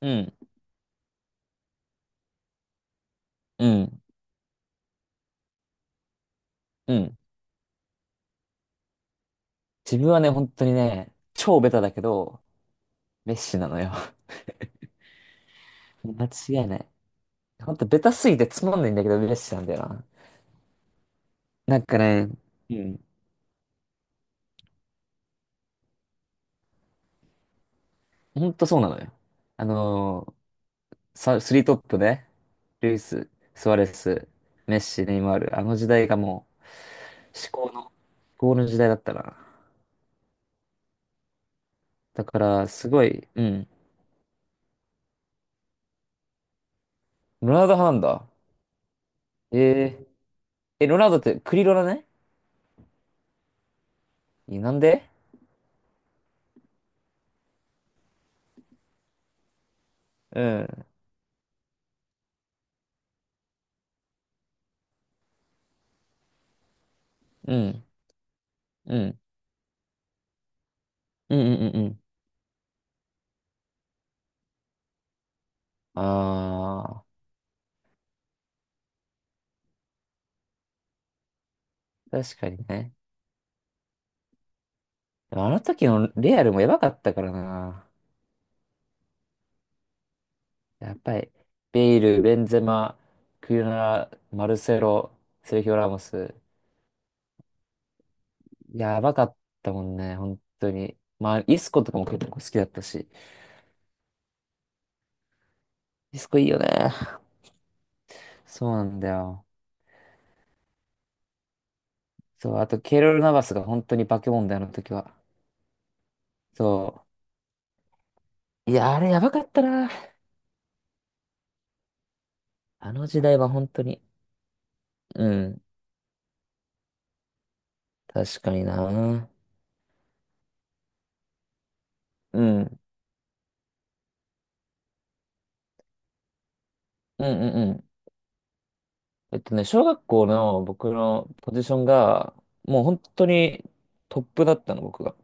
うん、うん、うん。自分はね、本当にね、超ベタだけど、メッシなのよ。間違いない。本当ベタすぎてつまんないんだけど、メッシなんだよな。なんかね、うん。本当そうなのよ。あのーさスリートップね、ルイス、スアレス、メッシ、ネイマール、あの時代がもう、至高の、至高の時代だったな。だから、すごい、うん。ロナウド派なんだ。えー、え、ロナウドってクリロナね？え、なんで？うん、うん、うん。うんうんうんうん。ああ、確かにね。でもあの時のレアルもやばかったからな。やっぱり、ベイル、ベンゼマ、クユナラ、マルセロ、セルヒオ・ラモス。やばかったもんね、本当に。まあ、イスコとかも結構好きだったし。イスコいいよね。そうなんだよ。そう、あと、ケイロル・ナバスが本当に化け物だよ、あの時は。そう。いや、あれやばかったな。あの時代は本当に。うん。確かにな。うん。うんうんうん。ね、小学校の僕のポジションが、もう本当にトップだったの、僕が。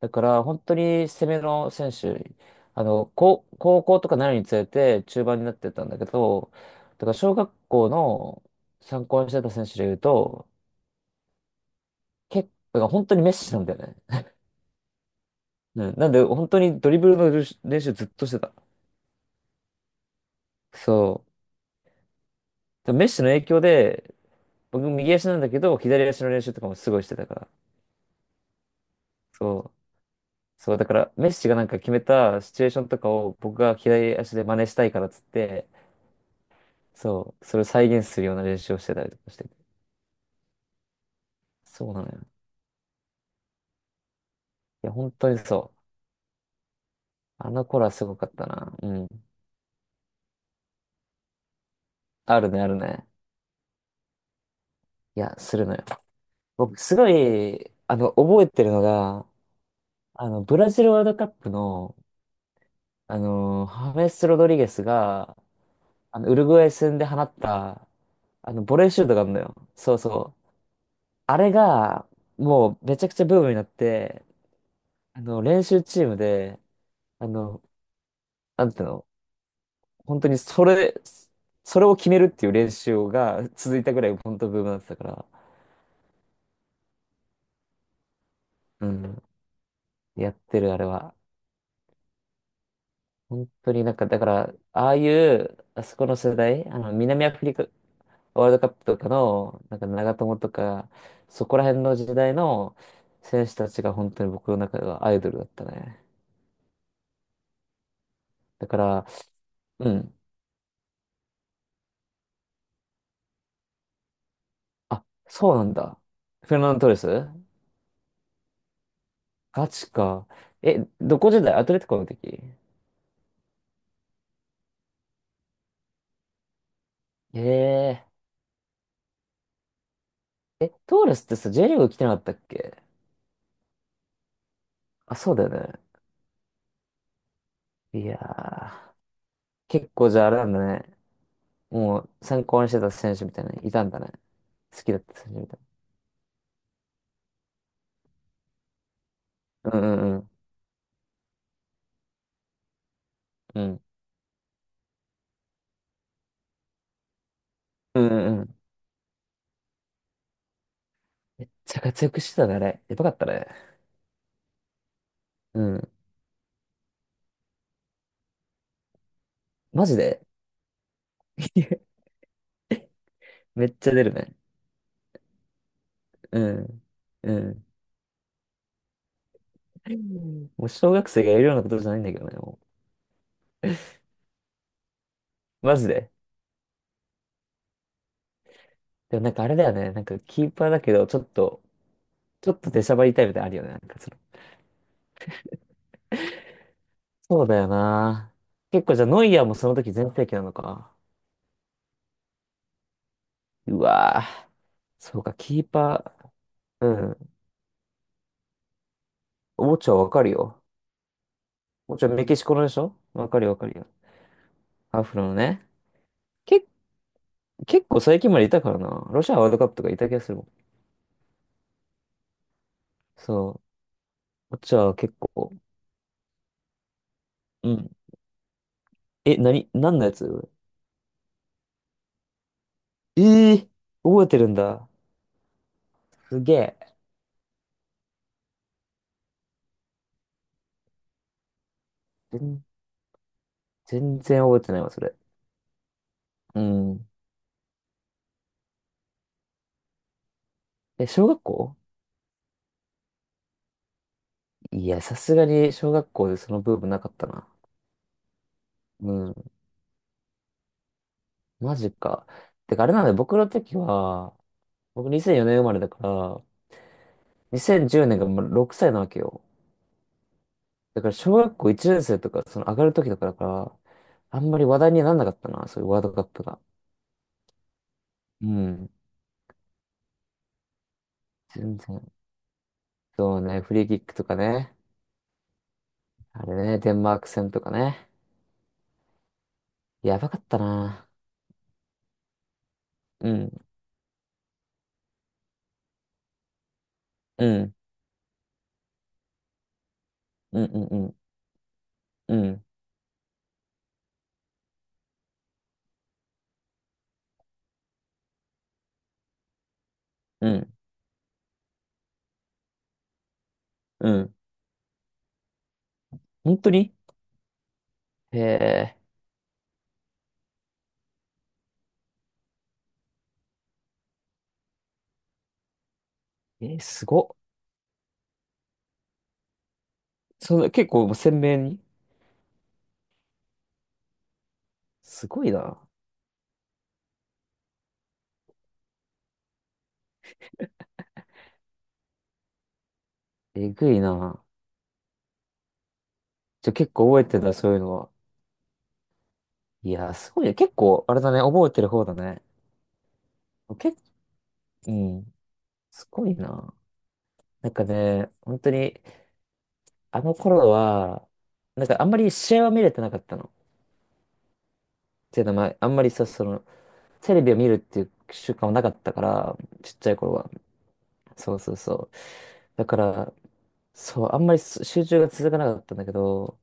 だから、本当に攻めの選手、高校とかなるにつれて中盤になってったんだけど、だから小学校の参考にしてた選手で言うと、結構、本当にメッシなんだよね。うん、なんで、本当にドリブルの練習ずっとしてた。そう。でメッシの影響で、僕右足なんだけど、左足の練習とかもすごいしてたから。そう。そう、だから、メッシがなんか決めたシチュエーションとかを僕が左足で真似したいからっつって、そう、それを再現するような練習をしてたりとかしてて。そうなのよ。いや、本当にそう。あの頃はすごかったな。うん。あるね、あるね。いや、するのよ。僕、すごい、覚えてるのが、あの、ブラジルワールドカップの、あの、ハメス・ロドリゲスが、あの、ウルグアイ戦で放った、あの、ボレーシュートがあるのよ。そうそう。あれが、もうめちゃくちゃブームになって、あの、練習チームで、あの、なんていうの、本当にそれ、それを決めるっていう練習が続いたぐらい本当ブームになってたから、うん、やってるあれは。本当になんか、だから、ああいう、あそこの世代、あの、南アフリカワールドカップとかの、なんか長友とか、そこら辺の時代の選手たちが本当に僕の中ではアイドルだったね。だから、うん。あ、そうなんだ。フェルナンド・トーレス？ガチか。え、どこ時代？アトレティコの時？ええー。え、トーレスってさ、J リーグ来てなかったっけ？あ、そうだよね。いやー。結構じゃああれなんだね。もう参考にしてた選手みたいなのいたんだね。好きだった選手みたいな。うんうんうん。うん。うんうんうん。めっちゃ活躍してたね、あれ。やばかったね。うん。マジで？ めっちゃ出るね。うん。うん。もう小学生がやるようなことじゃないんだけどね、もう。マジで。でもなんかあれだよね。なんかキーパーだけど、ちょっと出しゃばりタイプであるよね。なんかその、そうだよな。結構じゃあノイアーもその時全盛期なのか。うわぁ。そうか、キーパー。うん。オチョわかるよ。オチョメキシコのでしょ？わかるよわかるよ。アフロのね。け、結構最近までいたからな。ロシアワールドカップとかいた気がするもん。そう。オチョは結構。うん。え、なに、何のやつ？ええー、覚えてるんだ。すげえ。全、全然覚えてないわ、それ。うん。え、小学校？いや、さすがに小学校でそのブームなかったな。うん。マジか。てか、あれなんだよ、僕の時は、僕2004年生まれだから、2010年がもう6歳なわけよ。だから小学校1年生とか、その上がる時とかだから、あんまり話題にはなんなかったな、そういうワールドカップが。うん。全然。そうね、フリーキックとかね。あれね、デンマーク戦とかね。やばかったな。うん、うん、うん、うん、うん、うん、うん。うん、本当に、へえ、えー、すごっ。その、結構鮮明に。すごいな。えぐいな。じゃあ結構覚えてたそういうのは。いやー、すごいね。結構、あれだね、覚えてる方だね。結構、うん。すごいな。なんかね、本当に、あの頃は、なんかあんまり試合は見れてなかったの。っていうのは、まあ、あんまりさ、その、テレビを見るっていう習慣はなかったから、ちっちゃい頃は。そうそうそう。だから、そう、あんまり集中が続かなかったんだけど、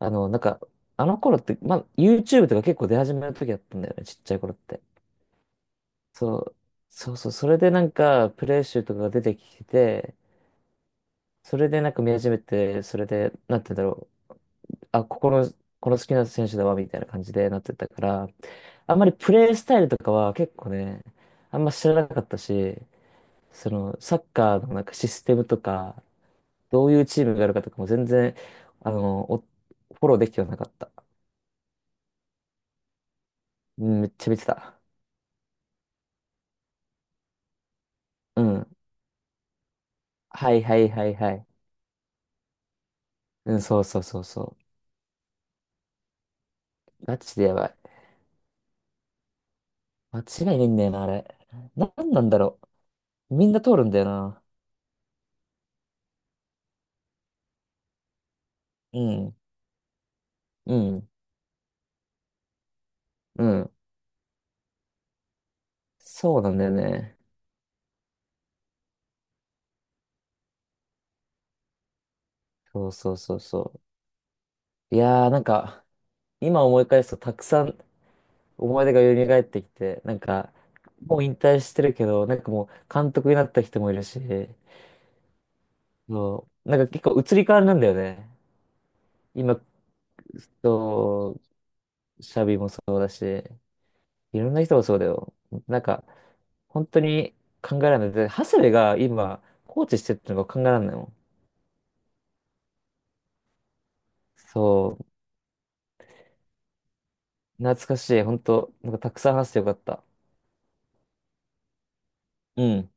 あの、なんか、あの頃って、まあ、YouTube とか結構出始めの時だったんだよね、ちっちゃい頃って。そう、そうそう、それでなんか、プレイ集とかが出てきて、それでなんか見始めて、それで、なんて言うんだろう、あ、ここの、この好きな選手だわ、みたいな感じでなってたから、あんまりプレイスタイルとかは結構ね、あんま知らなかったし、その、サッカーのなんかシステムとか、どういうチームがあるかとかも全然、おフォローできてはなかった。うんめっちゃ見てた。うん。はいはいはいはい。うん、そうそうそうそう。ガチでやばい。間違いないんだよな、あれ。な、なんなんだろう。みんな通るんだよな。うん、うん、うん。そうなんだよね。そうそうそうそう。いやー、なんか、今思い返すとたくさん思い出が蘇ってきて、なんか、もう引退してるけど、なんかもう監督になった人もいるし、そう、なんか結構移り変わりなんだよね。今、そう、シャビもそうだし、いろんな人もそうだよ。なんか、本当に考えられない。で、長谷部が今、コーチしてるってのが考えられないもん。そう。懐かしい。本当、なんかたくさん話してよかった。うん。